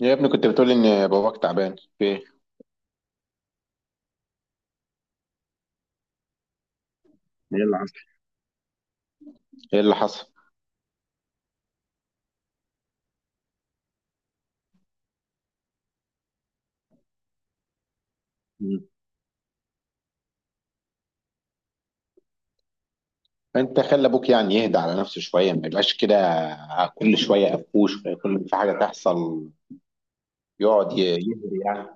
يا ابني، كنت بتقول ان باباك تعبان في ايه؟ ايه اللي حصل؟ ايه اللي حصل؟ مم. انت خلي ابوك يعني يهدى على نفسه شويه، ما يبقاش كده كل شويه قفوش كل في حاجه تحصل. يقعد يهري يعني.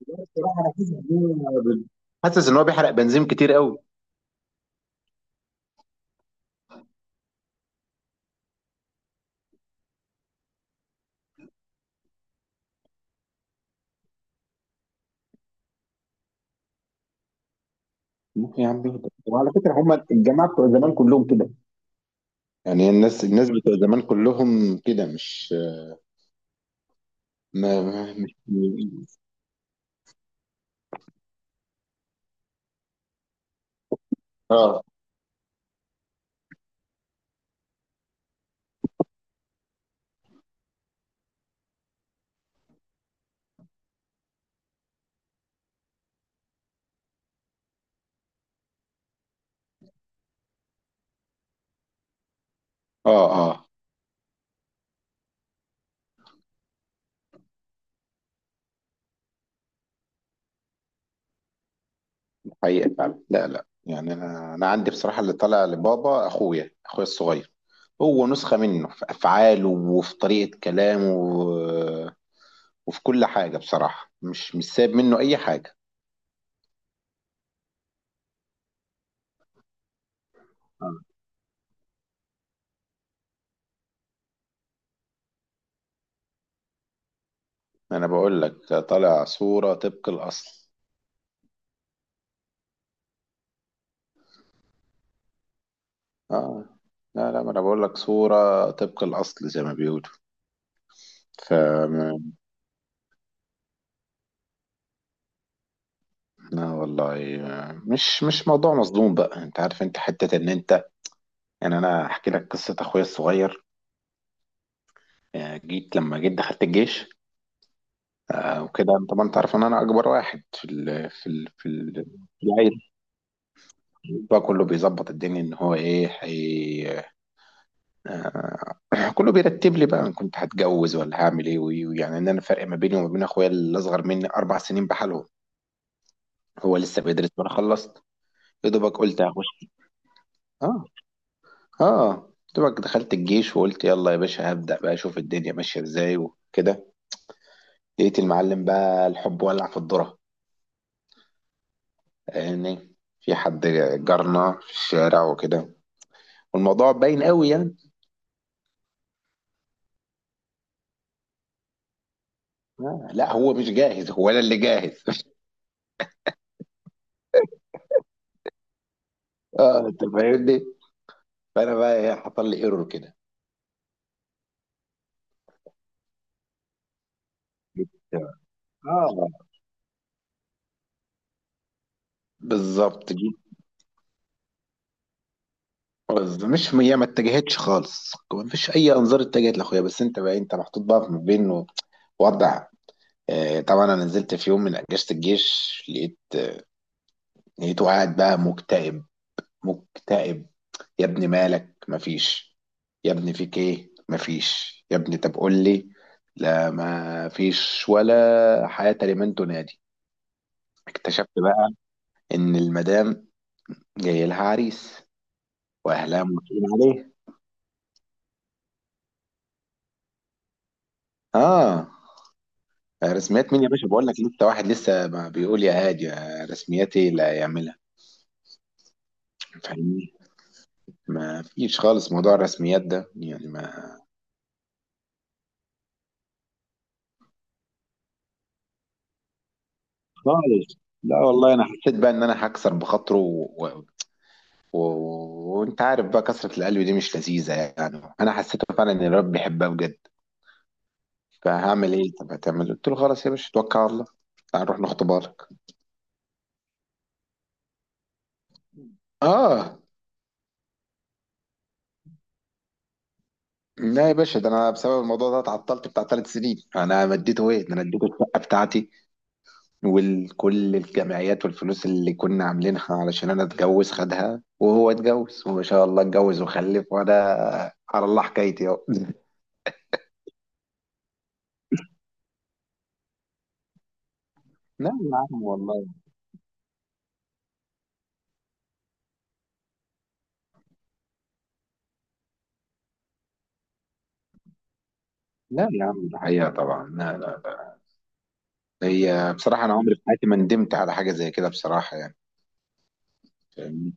بصراحه انا حاسس إن هو- حاسس ان هو بيحرق بنزين كتير قوي. ممكن يا عم يهدى، وعلى فكره هم الجماعه بتوع زمان كلهم كده. يعني الناس بتوع زمان كلهم كده، مش مش. اه اه. اه حقيقة فعلا، لا لا، يعني انا عندي بصراحة اللي طالع لبابا اخويا الصغير. هو نسخة منه في افعاله وفي طريقة وفي كل حاجة، بصراحة مش سايب منه اي حاجة. آه. انا بقول لك طالع صورة طبق الاصل. اه، لا لا، ما انا بقول لك صورة طبق الاصل زي ما بيقولوا. ف، لا والله. مش موضوع مصدوم، بقى انت عارف انت حتة ان انت يعني انا احكي لك قصة اخويا الصغير. لما جيت دخلت الجيش. وكده طبعا انت عارف ان انا اكبر واحد في ال في العيله. بقى كله بيظبط الدنيا ان هو ايه هي. آه، كله بيرتب لي بقى، انا كنت هتجوز ولا هعمل ايه ويعني ان انا فرق ما بيني وما بين اخويا اللي اصغر مني اربع سنين بحالهم. هو لسه بيدرس وانا خلصت. يا دوبك قلت هخش. اه. اه. دوبك دخلت الجيش وقلت يلا يا باشا هبدأ بقى اشوف الدنيا ماشيه ازاي وكده. لقيت المعلم بقى الحب ولع في الذره. يعني في حد جارنا في الشارع وكده، والموضوع باين قوي يعني. لا، هو مش جاهز، هو انا اللي جاهز. اه، انت فاهمني. فانا بقى حصل لي ايرور كده. جيت- اه، بالظبط جيت. بس مش هي، ما اتجهتش خالص، ما فيش اي انظار اتجهت لاخويا، بس انت بقى انت محطوط بقى ما بين وضع. طبعا انا نزلت في يوم من اجازه الجيش، لقيت، لقيته قاعد بقى مكتئب، مكتئب. يا ابني مالك؟ مفيش. يا ابني فيك ايه؟ مفيش. يا ابني طب قول لي. لا، مفيش، ولا حياة لمن تنادي. اكتشفت بقى ان المدام جاي لها عريس واهلها موافقين عليه. اه. رسميات مين يا باشا، بقول لك لسه واحد لسه ما بيقول يا هادي، رسميات ايه اللي هيعملها؟ فاهمني، ما فيش خالص موضوع الرسميات ده يعني، ما، خالص. لا والله، انا حسيت بقى ان انا هكسر وانت عارف بقى كسرة القلب دي مش لذيذة، يعني انا حسيت فعلا ان الرب بيحبها بجد. فهعمل ايه؟ طب هتعمل، قلت له خلاص يا باشا، توكل على الله، تعال نروح نخطب لك. اه. لا يا باشا، ده انا بسبب الموضوع ده اتعطلت بتاع ثلاث سنين، انا مديته ايه، ده انا اديته الشقه بتاعتي وكل الجمعيات والفلوس اللي كنا عاملينها علشان انا اتجوز، خدها وهو اتجوز وما شاء الله اتجوز وخلف، وانا على الله حكايتي اهو. لا يا عم والله. لا يا عم، الحقيقه طبعا، لا لا، هي بصراحة أنا عمري في حياتي ما ندمت على حاجة زي كده بصراحة يعني، فاهمني.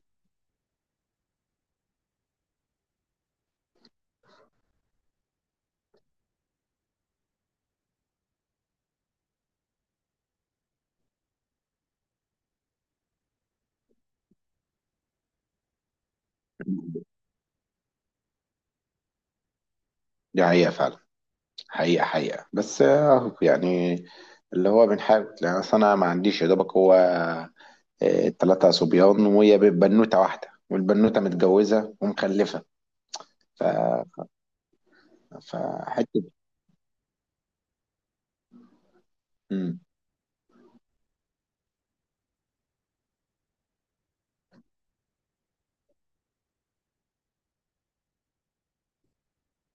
دي حقيقة فعلا، حقيقة حقيقة، بس أهو يعني اللي هو بنحاول، يعني أصل أنا ما عنديش يا دوبك هو تلاتة صبيان وهي بنوتة واحدة، والبنوتة متجوزة ومخلفة. ف، فحتة.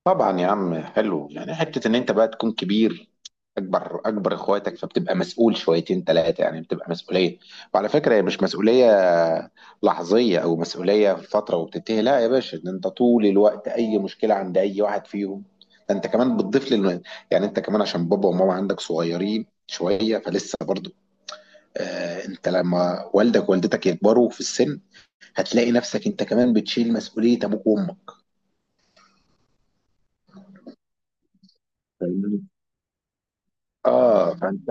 طبعا يا عم، حلو، يعني حته ان انت بقى تكون كبير، اكبر اخواتك، فبتبقى مسؤول شويتين ثلاثه، يعني بتبقى مسؤوليه. وعلى فكره هي مش مسؤوليه لحظيه او مسؤوليه في فتره وبتنتهي، لا يا باشا، ده انت طول الوقت اي مشكله عند اي واحد فيهم، ده انت كمان بتضيف لل، يعني انت كمان عشان بابا وماما عندك صغيرين شويه فلسه برضو. آه، انت لما والدك ووالدتك يكبروا في السن، هتلاقي نفسك انت كمان بتشيل مسؤوليه ابوك وامك. فاهمني؟ اه، فانت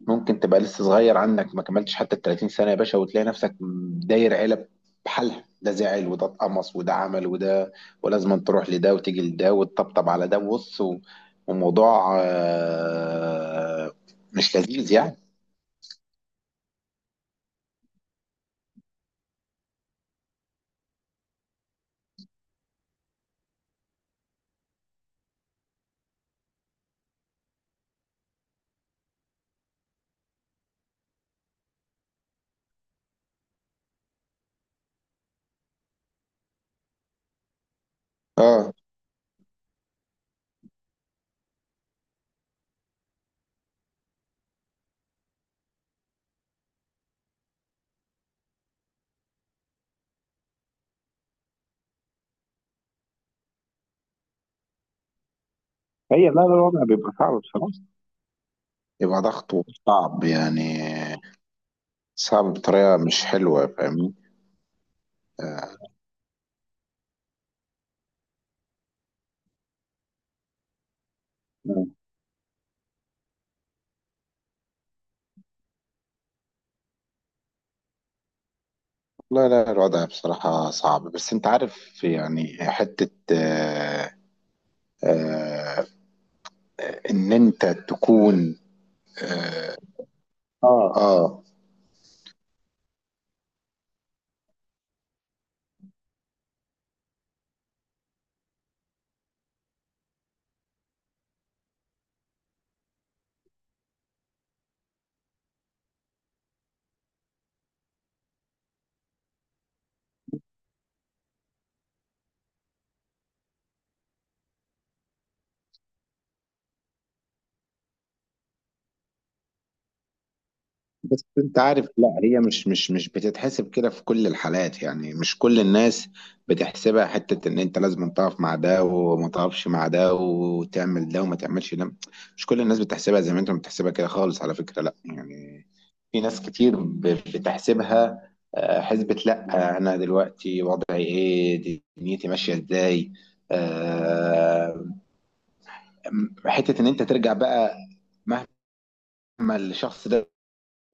ممكن تبقى لسه صغير، عنك ما كملتش حتى ال 30 سنة يا باشا، وتلاقي نفسك داير عيلة بحالها، ده زعل وده اتقمص وده عمل وده، ولازم تروح لده وتيجي لده وتطبطب على ده بص وموضوع مش لذيذ يعني. اه. هي، لا لا، الوضع بيبقى صعب بصراحة، يبقى ضغط، صعب يعني، صعب بطريقة مش حلوة، فاهمني. آه، مم. لا لا، الوضع بصراحة صعب، بس انت عارف يعني، حتة آه، إن أنت تكون. آه. اه. بس أنت عارف، لا هي مش بتتحسب كده في كل الحالات، يعني مش كل الناس بتحسبها، حتة إن أنت لازم تقف مع ده وما تقفش مع ده وتعمل ده وما تعملش ده. مش كل الناس بتحسبها زي ما أنت بتحسبها كده خالص، على فكرة، لا يعني، في ناس كتير بتحسبها حسبة، لا، أنا دلوقتي وضعي إيه، دنيتي ماشية إزاي. آه، حتة إن أنت ترجع بقى، مهما، ما الشخص ده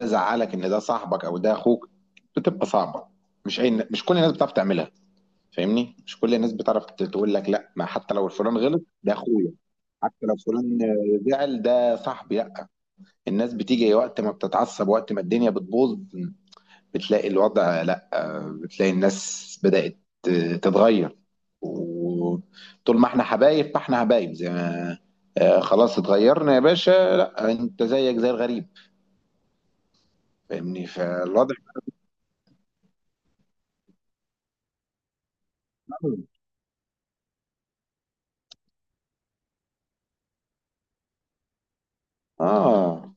زعلك، ان ده صاحبك او ده اخوك، بتبقى صعبه. مش اي، مش كل الناس بتعرف تعملها. فاهمني، مش كل الناس بتعرف تقول لك لا، ما حتى لو الفلان غلط ده اخويا، حتى لو فلان زعل ده صاحبي، لا. الناس بتيجي وقت ما بتتعصب، وقت ما الدنيا بتبوظ بتلاقي الوضع، لا، بتلاقي الناس بدأت تتغير، وطول ما احنا حبايب فاحنا حبايب، زي ما خلاص اتغيرنا يا باشا، لا انت زيك زي الغريب. فاهمني، فالوضع. اه،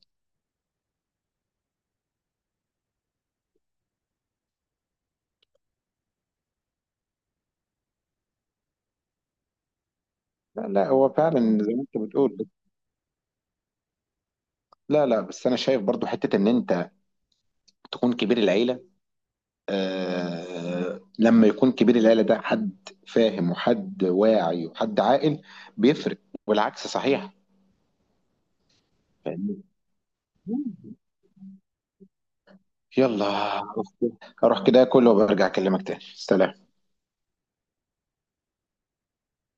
لا لا، هو فعلا زي ما انت بتقول، لا لا، بس انا شايف برضو حته ان انت تكون كبير العيله. آه، لما يكون كبير العيله ده حد فاهم وحد واعي وحد عاقل، بيفرق، والعكس صحيح. فاهمني؟ يلا، اروح كده اكل وبرجع اكلمك تاني، سلام.